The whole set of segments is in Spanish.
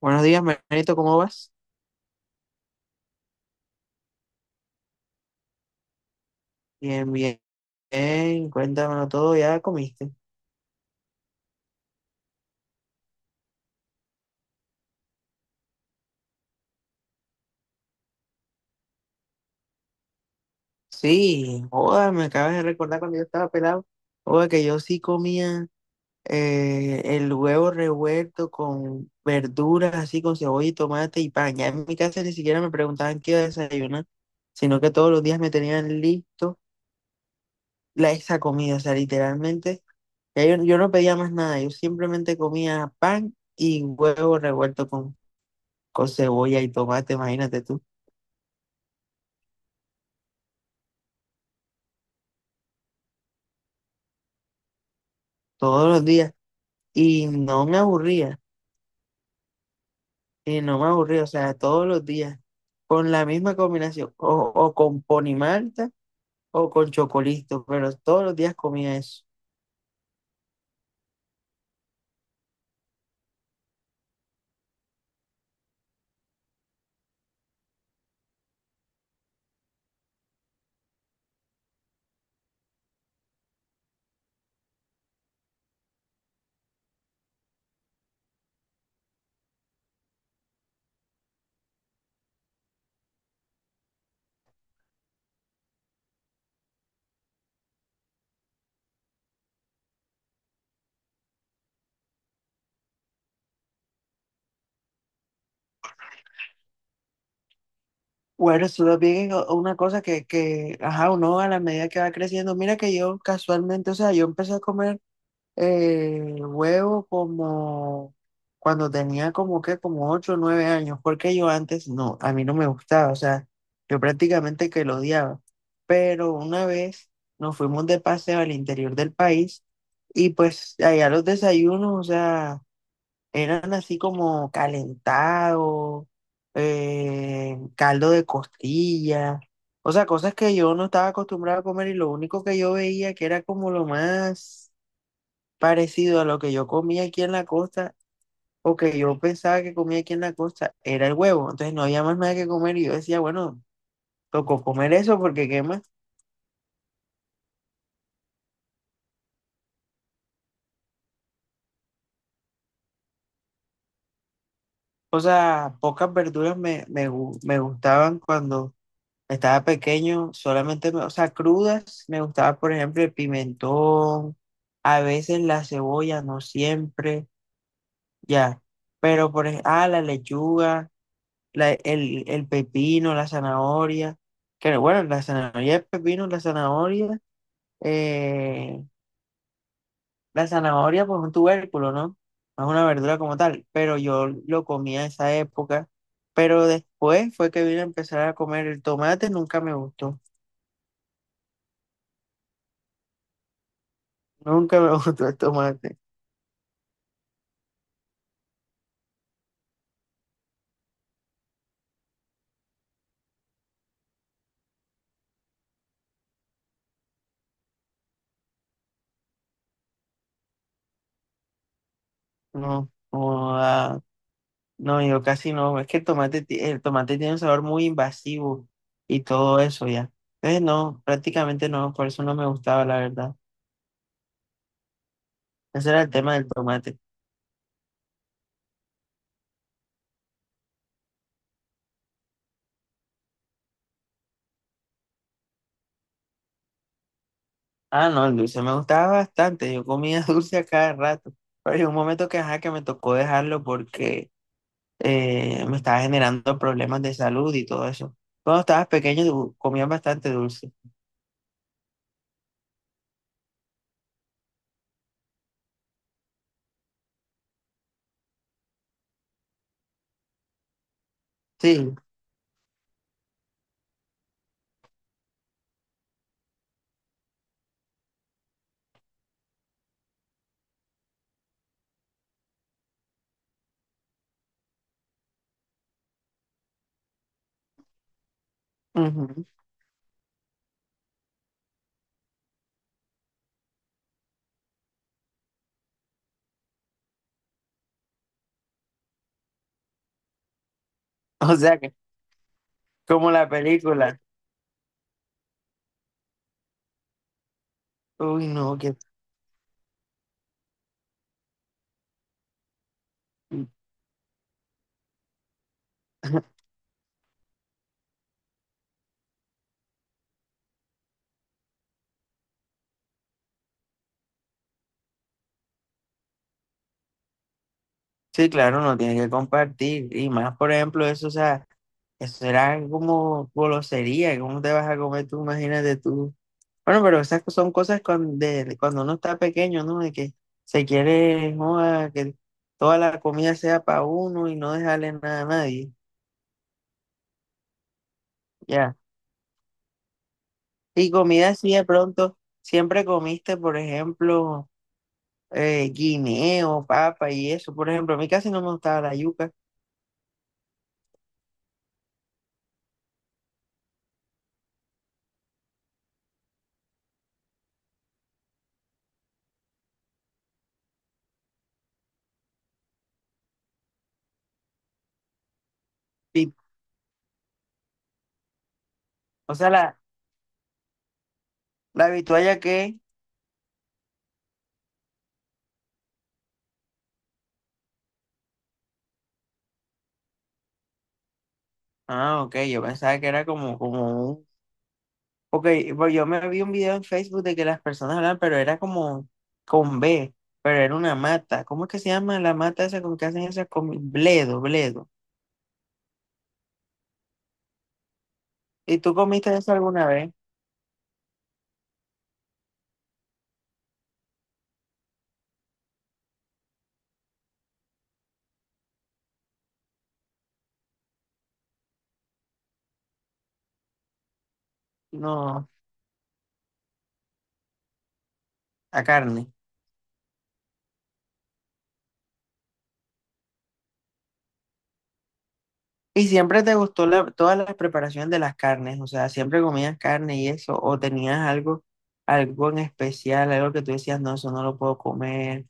Buenos días, Manito, ¿cómo vas? Bien, bien, bien, cuéntamelo todo, ¿ya comiste? Sí, joda, me acabas de recordar cuando yo estaba pelado, joda, que yo sí comía el huevo revuelto con verduras, así con cebolla y tomate y pan. Ya en mi casa ni siquiera me preguntaban qué iba a desayunar, sino que todos los días me tenían listo esa comida, o sea, literalmente, ya yo no pedía más nada, yo simplemente comía pan y huevo revuelto con cebolla y tomate, imagínate tú, todos los días. Y no me aburría, o sea, todos los días, con la misma combinación, o con pon malta o con chocolito, pero todos los días comía eso. Bueno, eso también es una cosa que, ajá, uno a la medida que va creciendo, mira que yo casualmente, o sea, yo empecé a comer juego como cuando tenía como que como ocho o nueve años, porque yo antes no, a mí no me gustaba, o sea, yo prácticamente que lo odiaba. Pero una vez nos fuimos de paseo al interior del país y pues allá los desayunos, o sea, eran así como calentado, caldo de costilla, o sea, cosas que yo no estaba acostumbrado a comer y lo único que yo veía que era como lo más parecido a lo que yo comía aquí en la costa o que yo pensaba que comía aquí en la costa era el huevo. Entonces no había más nada que comer y yo decía, bueno, tocó comer eso porque qué más. O sea, pocas verduras me gustaban cuando estaba pequeño, solamente, o sea, crudas, me gustaba, por ejemplo, el pimentón, a veces la cebolla, no siempre, ya. Pero por ejemplo, ah, la lechuga. El pepino, la zanahoria, que bueno, la zanahoria es pepino, eh, la zanahoria pues es un tubérculo, ¿no? No es una verdura como tal, pero yo lo comía en esa época, pero después fue que vine a empezar a comer el tomate, nunca me gustó, nunca me gustó el tomate, no, no, ah, no, yo casi no, es que el tomate, el tomate tiene un sabor muy invasivo y todo eso ya. Entonces no, prácticamente no, por eso no me gustaba, la verdad. Ese era el tema del tomate. Ah, no, el dulce me gustaba bastante. Yo comía dulce a cada rato. Pero llegó un momento que, ajá, que me tocó dejarlo porque me estaba generando problemas de salud y todo eso. Cuando estabas pequeño comías bastante dulce. Sí. Ujú. O sea que, como la película. Uy, no, que... Sí, claro, no tiene que compartir. Y más, por ejemplo, eso, o sea, eso era como golosería. ¿Cómo te vas a comer tú? Imagínate tú. Bueno, pero esas son cosas de cuando uno está pequeño, ¿no? De que se quiere, joda, que toda la comida sea para uno y no dejarle nada a nadie. Ya. Y comida así de pronto, siempre comiste, por ejemplo, guineo, papa y eso. Por ejemplo, a mí casi no me gustaba la yuca. Sí. O sea, la vitualla que... Ah, ok, yo pensaba que era como, como ok, pues yo me vi un video en Facebook de que las personas hablaban, pero era como con B, pero era una mata. ¿Cómo es que se llama la mata esa con que hacen esas comidas? Bledo, bledo. ¿Y tú comiste eso alguna vez? No, a carne. ¿Y siempre te gustó la, todas las preparaciones de las carnes? O sea, ¿siempre comías carne y eso? ¿O tenías algo, algo en especial, algo que tú decías, no, eso no lo puedo comer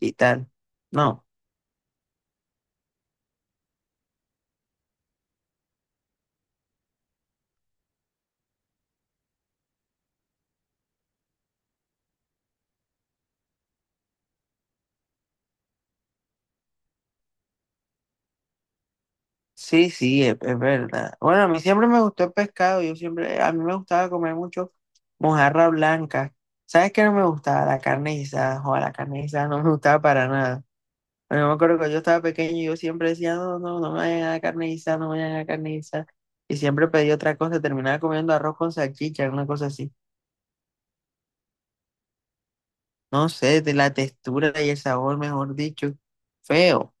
y tal? No. Sí, es verdad. Bueno, a mí siempre me gustó el pescado. Yo siempre, a mí me gustaba comer mucho mojarra blanca. ¿Sabes qué no me gustaba? La carne guisada. Joder, la carne guisada no me gustaba para nada. Bueno, me acuerdo que yo estaba pequeño y yo siempre decía, no, no, no me vayan a dar carne guisada, no me vayan a dar carne guisada. Y siempre pedí otra cosa, terminaba comiendo arroz con salchicha, una cosa así. No sé, de la textura y el sabor, mejor dicho. Feo.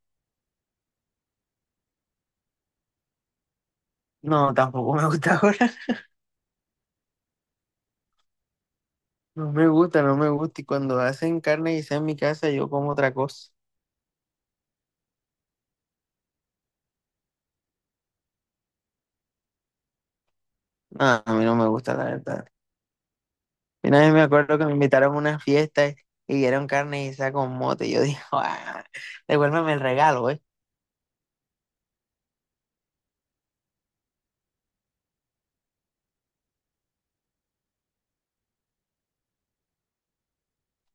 No, tampoco me gusta ahora. No me gusta, no me gusta. Y cuando hacen carne y en mi casa, yo como otra cosa. No, a mí no me gusta, la verdad. Y una vez me acuerdo que me invitaron a una fiesta y dieron carne y con mote. Y yo dije, "Ah, devuélveme el regalo, ¿eh?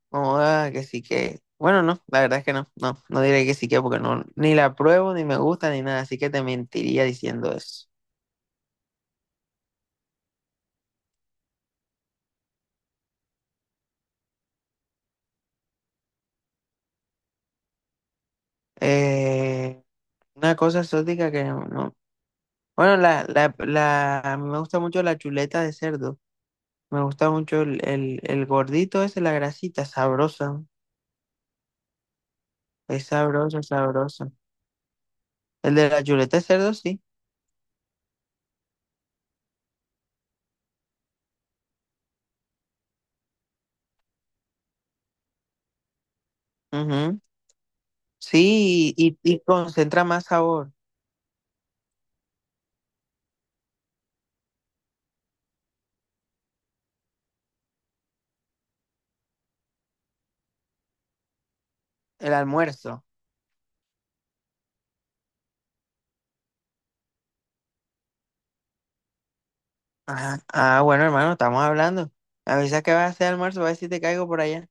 Como, "Ah, que sí que. Bueno, no, la verdad es que no, no, no diré que sí que porque no, ni la pruebo, ni me gusta, ni nada. Así que te mentiría diciendo eso. Eh, una cosa exótica que no. Bueno, la, a mí me gusta mucho la chuleta de cerdo. Me gusta mucho el gordito ese, la grasita, sabrosa. Es sabroso, sabroso. El de la chuleta de cerdo, sí. Ujú. Sí, y concentra más sabor. El almuerzo. Ajá. Ah, bueno, hermano, estamos hablando. Avisa que vas a hacer almuerzo, a ver si te caigo por allá.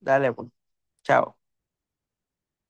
Dale, pues. Chao.